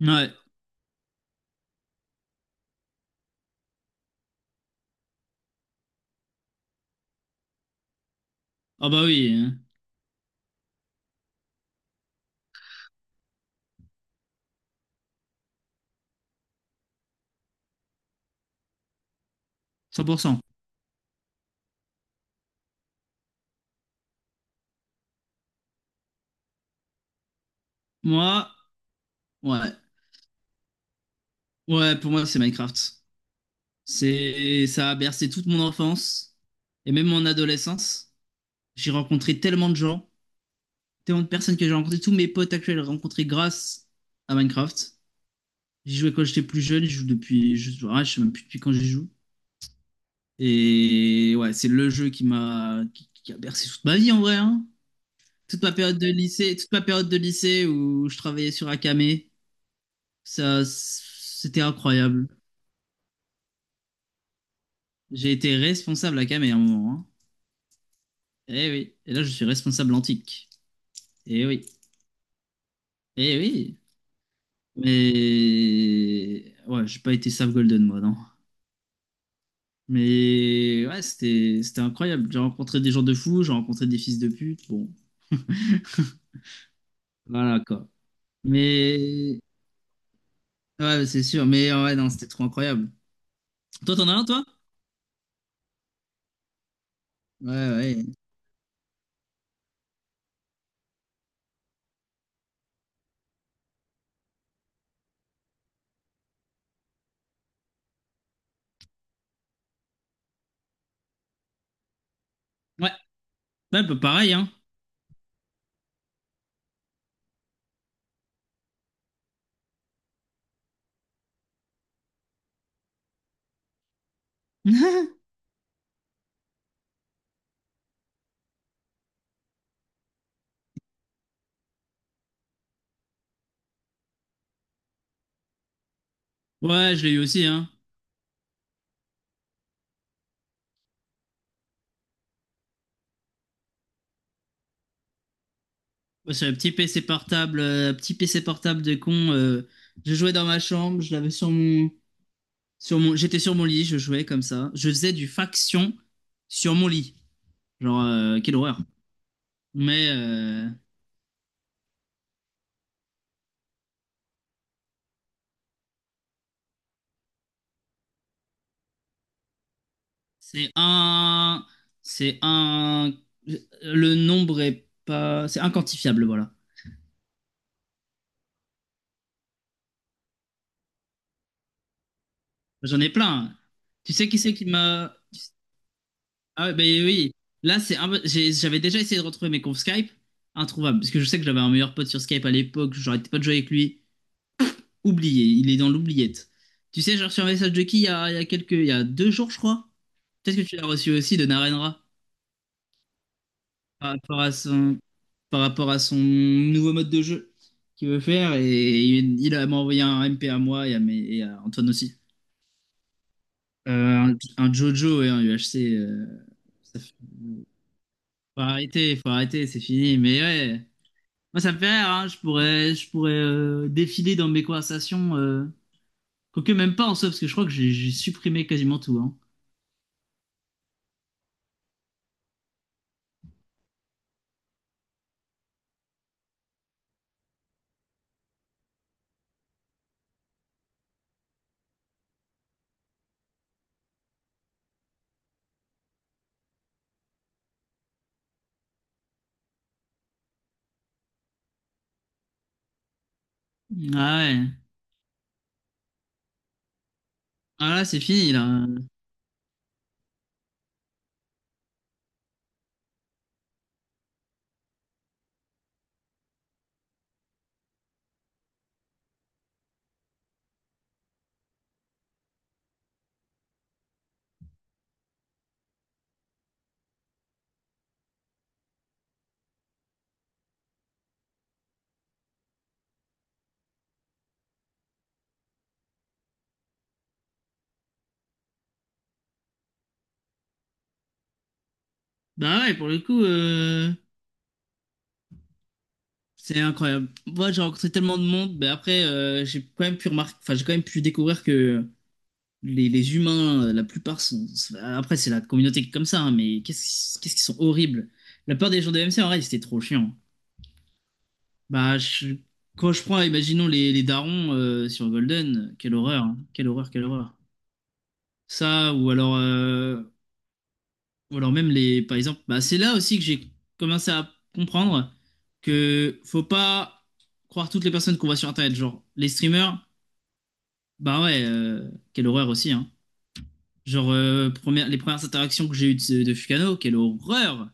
Ouais. Ah bah oui, hein. 100%. Moi, ouais. Ouais, pour moi, c'est Minecraft. Ça a bercé toute mon enfance et même mon adolescence. J'ai rencontré tellement de gens, tellement de personnes que j'ai rencontrées. Tous mes potes actuels rencontrés grâce à Minecraft. J'y jouais quand j'étais plus jeune, je joue depuis, je sais même plus depuis quand j'y joue. Et ouais, c'est le jeu qui a bercé toute ma vie en vrai, hein. Toute ma période de lycée, toute ma période de lycée où je travaillais sur Akame. Ça, c'était incroyable. J'ai été responsable à Camé à un moment, hein. Eh oui. Et là, je suis responsable antique. Eh oui. Eh oui. Mais. Ouais, j'ai pas été Save Golden, moi, non. Mais ouais, c'était incroyable. J'ai rencontré des gens de fous, j'ai rencontré des fils de pute. Bon, voilà, quoi. Mais. Ouais, c'est sûr. Mais ouais, non, c'était trop incroyable. Toi, t'en as un, toi? Ouais, ouais. Ouais, ouais, un peu pareil, hein. Ouais, je l'ai eu aussi, hein. Ouais, c'est un petit PC portable, un petit PC portable de con. Je jouais dans ma chambre, je l'avais j'étais sur mon lit, je jouais comme ça. Je faisais du faction sur mon lit. Genre, quelle horreur. Mais c'est un, c'est un, le nombre est pas, c'est inquantifiable, voilà. J'en ai plein. Tu sais qui c'est qui m'a. Ah ouais, bah oui, là c'est un peu- j'ai- j'avais déjà essayé de retrouver mes confs Skype, introuvable, parce que je sais que j'avais un meilleur pote sur Skype à l'époque, j'arrêtais pas de jouer avec lui, oublié, il est dans l'oubliette. Tu sais, j'ai reçu un message de qui il y a 2 jours je crois. Peut-être que tu l'as reçu aussi de Narenra par rapport à son, par rapport à son nouveau mode de jeu qu'il veut faire et il a m'a envoyé un MP à moi et à Antoine aussi. Euh, un Jojo et un UHC, ça fait- faut arrêter, c'est fini, mais ouais. Moi, ça me fait rire, hein. Je pourrais défiler dans mes conversations. Quoique même pas en soi, parce que je crois que j'ai supprimé quasiment tout, hein. Ah ouais. Ah là, c'est fini, là. Bah ouais, pour le coup, c'est incroyable. Moi, j'ai rencontré tellement de monde, mais après, j'ai quand même pu remarquer, enfin, j'ai quand même pu découvrir que les humains, la plupart sont. Après, c'est la communauté qui est comme ça, hein, mais qu'est-ce qu'ils sont horribles. La peur des gens de MC, en vrai, c'était trop chiant. Bah, quand je prends, imaginons les darons sur Golden, quelle horreur, hein. Quelle horreur, quelle horreur. Ça, ou alors même les, par exemple, bah, c'est là aussi que j'ai commencé à comprendre que faut pas croire toutes les personnes qu'on voit sur Internet. Genre, les streamers, bah ouais, quelle horreur aussi, hein. Genre, les premières interactions que j'ai eues de Fukano, quelle horreur,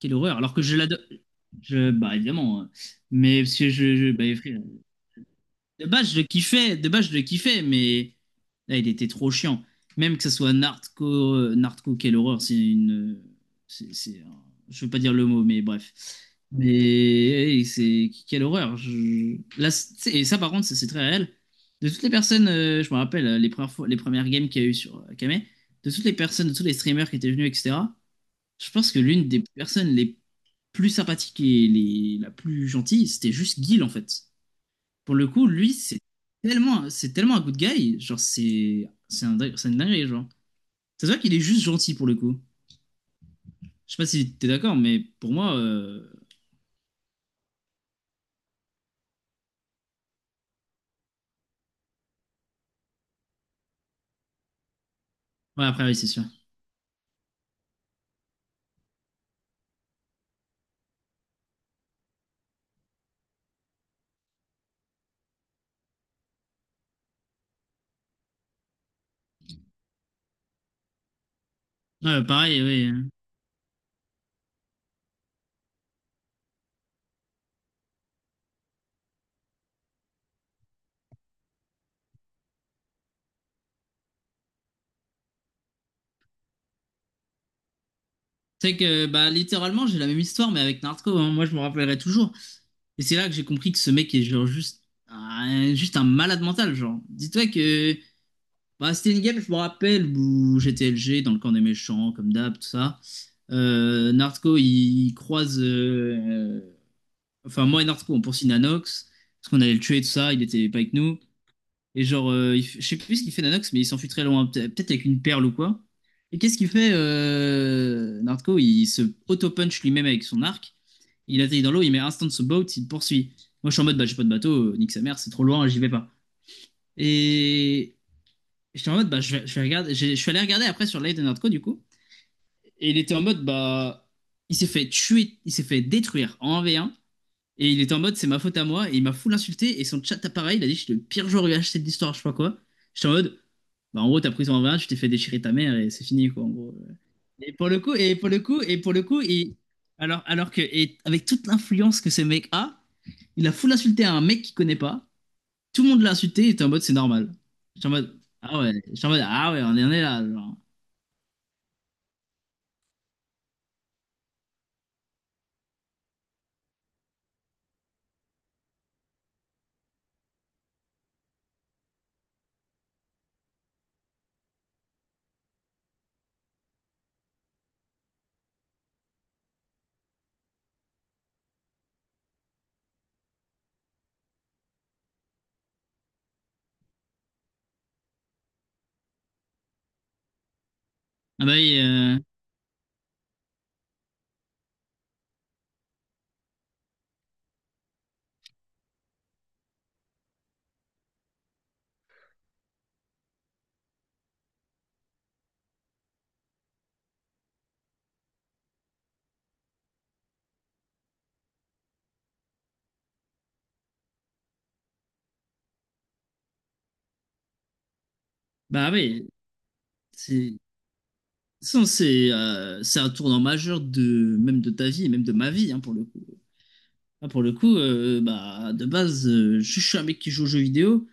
quelle horreur. Alors que je l'adore, bah évidemment, mais parce que je bah, frère. De base, je le kiffais, de base, je le kiffais, mais là, il était trop chiant. Même que ce soit Nartco, quelle horreur. C'est une. C'est un- Je veux pas dire le mot, mais bref. Mais hey, c'est quelle horreur. Là, et ça, par contre, c'est très réel. De toutes les personnes, je me rappelle les premières fois, les premières games qu'il y a eu sur Kame, de toutes les personnes, de tous les streamers qui étaient venus, etc. Je pense que l'une des personnes les plus sympathiques et la plus gentille, c'était juste Guil en fait. Pour le coup, lui, c'est tellement un good guy. Genre, c'est une dinguerie, genre. Ça se voit qu'il est juste gentil pour le coup. Je sais pas si t'es d'accord, mais pour moi, ouais, après, oui, c'est sûr. Ouais, pareil, oui, hein. C'est que, bah, littéralement, j'ai la même histoire, mais avec Naruto, hein. Moi, je me rappellerai toujours. Et c'est là que j'ai compris que ce mec est genre juste, juste un malade mental, genre. Dis-toi que, bah, c'était une game, je me rappelle, où j'étais LG dans le camp des méchants, comme d'hab, tout ça. Naruto, il croise enfin, moi et Narco, on poursuit Nanox, parce qu'on allait le tuer, tout ça, il était pas avec nous. Et genre, je sais plus ce qu'il fait Nanox, mais il s'enfuit très loin, peut-être avec une perle ou quoi. Et qu'est-ce qu'il fait Narco, il se auto-punch lui-même avec son arc. Il atterrit dans l'eau, il met instant ce boat, il poursuit. Moi, je suis en mode, bah, j'ai pas de bateau, nique sa mère, c'est trop loin, j'y vais pas. Et j'étais en mode, bah, je vais regarder, je suis allé regarder après sur live de Nardco du coup. Et il était en mode, bah, il s'est fait tuer, il s'est fait détruire en 1v1. Et il était en mode, c'est ma faute à moi, et il m'a full insulté, et son chat appareil, il a dit, je suis le pire joueur UHC de l'histoire, je sais pas quoi. J'étais en mode, bah en gros, t'as pris ton 20, tu t'es fait déchirer ta mère, et c'est fini, quoi, en gros. Et pour le coup, et pour le coup, et alors que, et avec toute l'influence que ce mec a, il a full insulté à un mec qu'il connaît pas, tout le monde l'a insulté, il était en mode, c'est normal. J'étais en mode, ah ouais, j'étais en mode, ah ouais, on est là, genre. Ah bah oui, c'est, de toute façon, c'est un tournant majeur de, même de ta vie, et même de ma vie, hein, pour le coup. Ah, pour le coup, bah, de base, je, suis un mec qui joue aux jeux vidéo.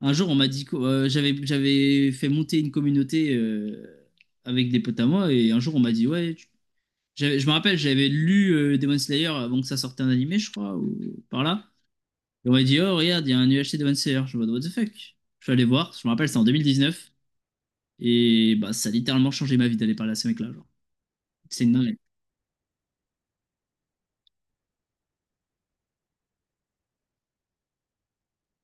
Un jour, on m'a dit que j'avais fait monter une communauté avec des potes à moi, et un jour, on m'a dit, ouais, je me rappelle, j'avais lu Demon Slayer avant que ça sorte un animé, je crois, ou par là. Et on m'a dit, oh, regarde, il y a un UHC Demon Slayer. Je me dis, what the fuck? Je suis allé voir, je me rappelle, c'était en 2019, et bah, ça a littéralement changé ma vie d'aller parler à ce mec-là, genre. C'est une dinguerie.